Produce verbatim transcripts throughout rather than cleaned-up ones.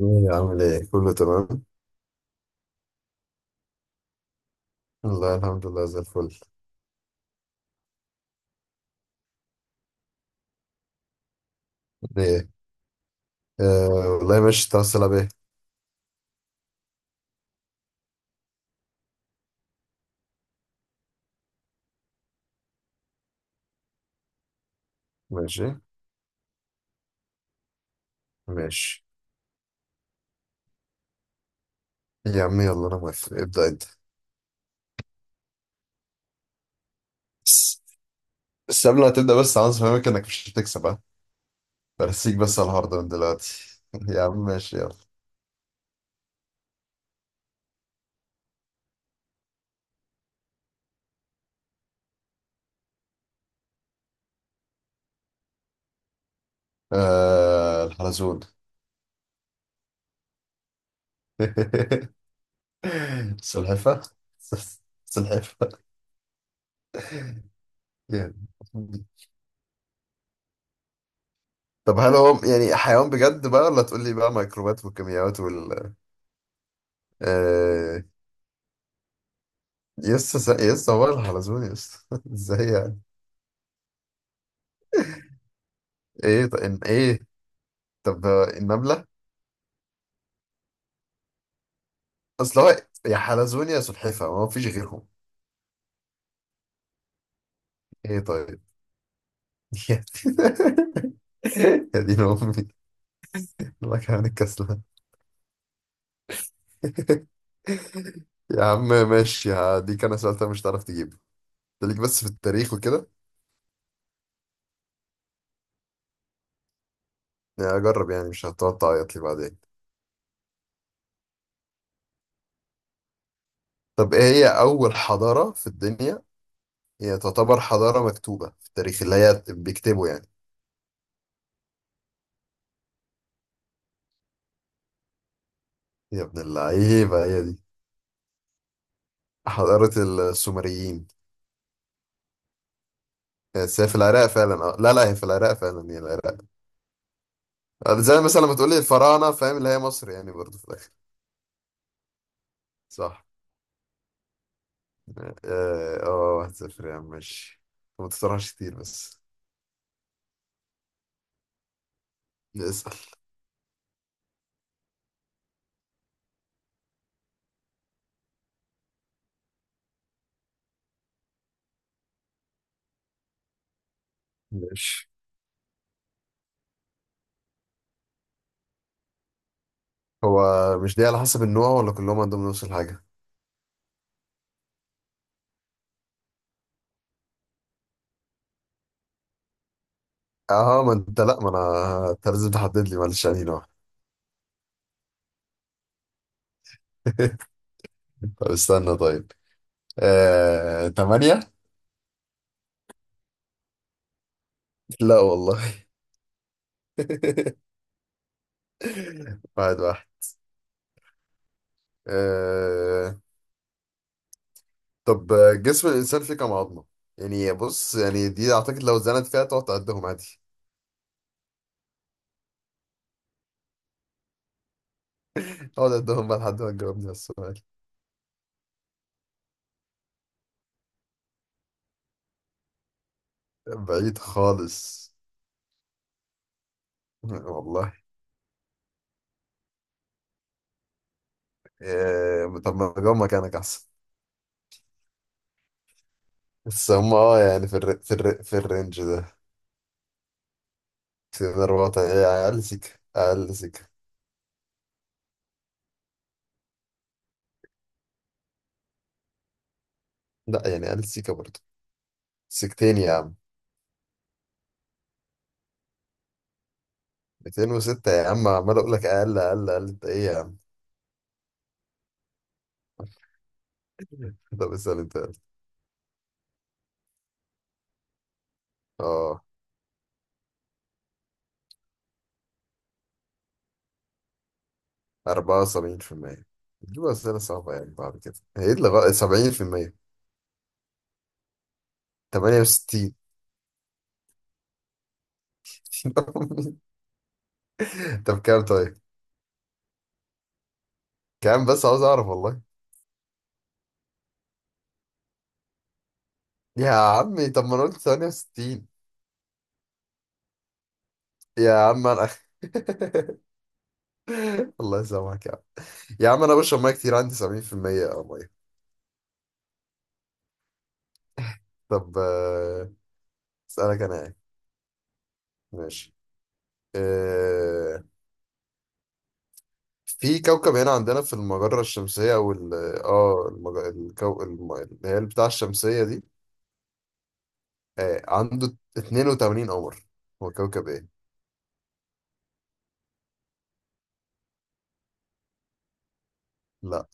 ايه عامل ايه؟ كله تمام. والله الحمد لله زي الفل. ايه آه والله ماشي، تعال تلعب ايه؟ ماشي ماشي يا عم، يلا انا موافق، ابدأ انت. بس بس قبل ما تبدأ، بس عاوز افهمك انك مش هتكسب، ها برسيك بس على الهارد من دلوقتي. يا عم ماشي يلا. آه، الحلزون. سلحفة، سلحفة يعني. طب هل هو يعني حيوان بجد بقى، ولا تقول لي بقى ميكروبات والكيميائيات وال... آه، يس س- يس، هو الحلزون يس؟ ازاي يعني؟ ايه طب ان ايه، طب النملة. اصل هو يا حلزون يا سلحفة، ما فيش غيرهم. ايه طيب. يا دين امي، الله كان الكسلة. يا عم ماشي هديك، انا سألتها مش هتعرف تجيبه. خليك بس في التاريخ وكده. يعني اجرب، يعني مش هتقعد تعيط لي بعدين؟ طب ايه هي اول حضارة في الدنيا، هي تعتبر حضارة مكتوبة في التاريخ اللي هي بيكتبوا يعني؟ يا ابن اللعيبة، هي دي حضارة السومريين. بس هي في العراق فعلا، اه لا لا، هي في العراق فعلا، هي العراق. آه، زي مثلا لما تقولي الفراعنة، فاهم؟ اللي هي مصر يعني برضو في الآخر. صح. اه آه، واحد صفر يا عم ماشي. ما تطرحش كتير بس. اسأل. ماشي. هو مش دي على حسب النوع، ولا كلهم عندهم نفس الحاجة؟ اه ما انت لا، ما انا انت لازم تحدد لي، معلش، يعني نوع. طب استنى طيب. آه... تمانية؟ لا والله. واحد واحد. آه... طب آه، جسم الانسان فيه كام عظمه؟ يعني بص، يعني دي اعتقد لو اتزنت فيها تقعد تعدهم عادي. اقعد اعدهم بقى لحد ما تجاوبني على السؤال. بعيد خالص. والله. إيه طب، ما اجاوب مكانك احسن. بس هم اه يعني في الر... في الر... في الرينج ده، في ضربات ايه، اقل سيكه. اقل سيكه. لا يعني اقل سيكه برضه، سيكتين يا عم. مئتين وستة يا عم، عمال اقول لك اقل اقل اقل، انت ايه يا عم؟ طب اسال انت. اه، اربعة وسبعين بالمية. تجيب أسئلة صعبة يعني، بعد كده هي اللي سبعين بالمية. تمانية وستين. طب كام طيب؟ كام بس، عاوز أعرف والله. يا عمي طب ما أنا قلت تمانية وستين. يا عم أنا الله يسامحك يا عم. يا عم أنا بشرب مية كتير، عندي سبعين في المية أو مية. طب آه، أسألك أنا يعني. ماشي. آه، في كوكب هنا عندنا في المجرة الشمسية أو ال... آه المج... الكو... الم... اللي هي بتاع الشمسية دي، آه عنده اتنين وتمانين قمر، هو كوكب ايه؟ لا.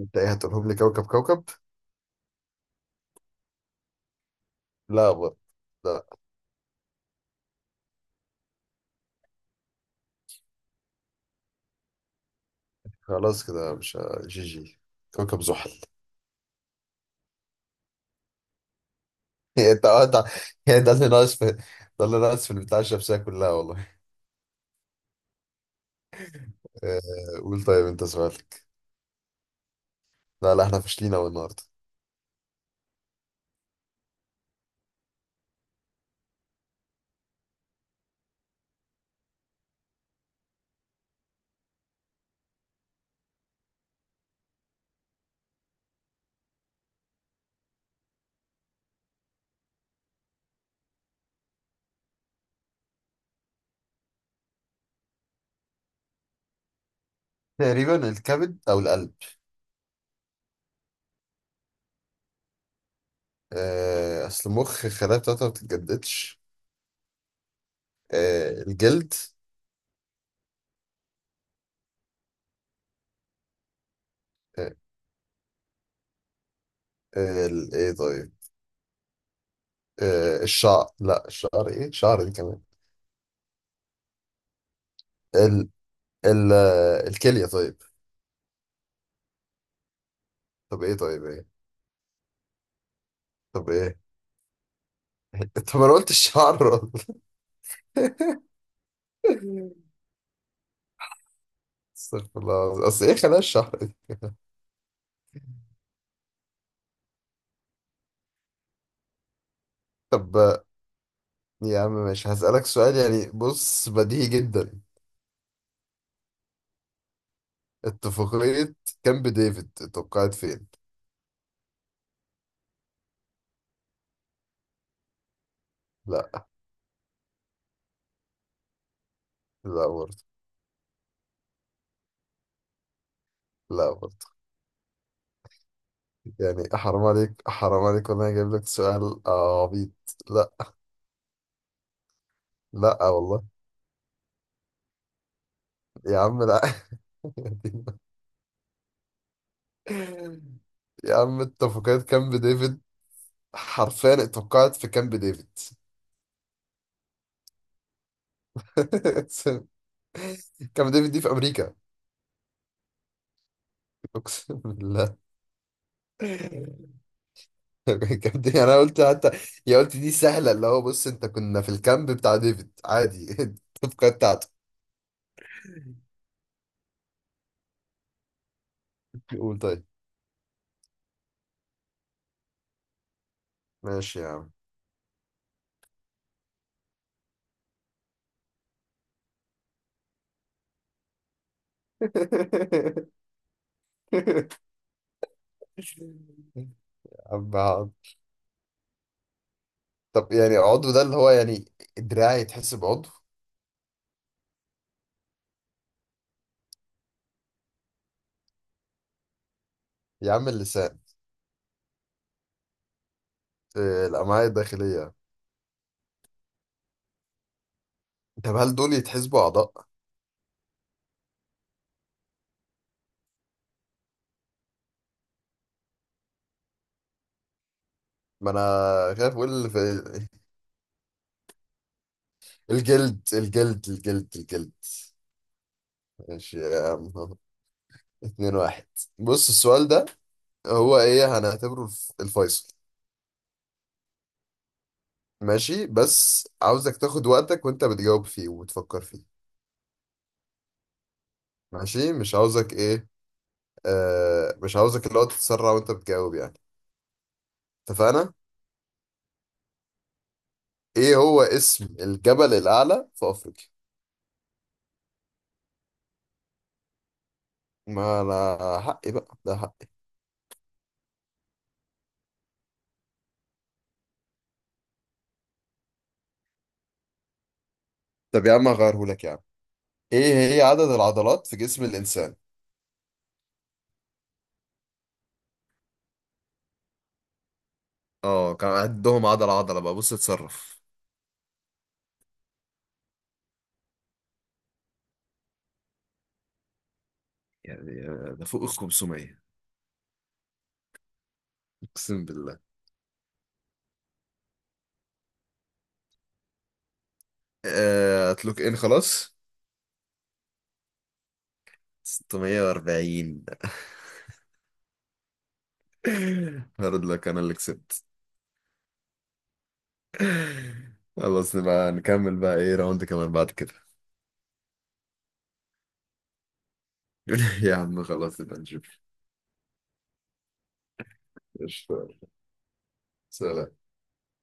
انت ايه هتقولهم لي كوكب كوكب؟ لا برضه. لا. خلاص كده مش ه- جي جي. كوكب زحل. انت آه، انت يعني ده اللي ناقص في، ده اللي ناقص في البتاع الشمسية كلها والله. آه. قول طيب انت سؤالك. لا لا، احنا فاشلين اوي النهارده. تقريبا الكبد او القلب. آه، اصل المخ الخلايا بتاعتها ما بتتجددش. آه، الجلد. آه. آه، ال- ايه طيب. آه الشعر، لا الشعر، ايه شعر دي كمان؟ ال... الكلية طيب. طب ايه طيب، ايه؟ طب ايه؟ طب انا قلت الشعر. استغفر الله العظيم. اصل ايه خلايا الشعر دي؟ طب يا عم ماشي، هسألك سؤال يعني بص بديهي جدا. اتفاقية كامب ديفيد اتوقعت فين؟ لا. لا برضه. لا برضه. يعني حرام عليك، حرام عليك والله، جايب لك سؤال عبيط. لا. لا والله. يا عم لا. يا عم اتفاقية كامب ديفيد حرفيا اتوقعت في كامب ديفيد. كامب ديفيد دي في امريكا. اقسم بالله. كامب ديفيد انا قلت حتى، يا قلت دي سهله، اللي هو بص انت كنا في الكامب بتاع ديفيد عادي. التفكير بتاعته. قول طيب. ماشي يا عم. عم عم. طب يعني عضو ده اللي هو يعني دراعي يتحسب عضو؟ يا عم اللسان. آه، الامعاء الداخليه. طب هل دول يتحسبوا اعضاء؟ ما انا خايف اقول. الجلد الجلد الجلد الجلد. ماشي يا عم أهو. اتنين واحد. بص السؤال ده هو ايه، هنعتبره الف- الفيصل. ماشي، بس عاوزك تاخد وقتك وانت بتجاوب فيه وبتفكر فيه. ماشي مش عاوزك ايه، آه مش عاوزك اللي هو تتسرع وانت بتجاوب يعني. اتفقنا؟ ايه هو اسم الجبل الاعلى في افريقيا؟ ما انا حقي بقى، ده حقي. طب يا عم هغيره لك يا عم. ايه هي عدد العضلات في جسم الانسان؟ اه كان عندهم عضلة عضلة بقى، بص اتصرف يعني. ده فوق ال خمسمية. اقسم بالله. آه، هتلوك ان خلاص. ستمية واربعين. هارد لك، انا اللي كسبت. خلاص نبقى نكمل بقى ايه راوند كمان بعد كده. يا عم خلاص نبقى نشوف. قشطة. سلام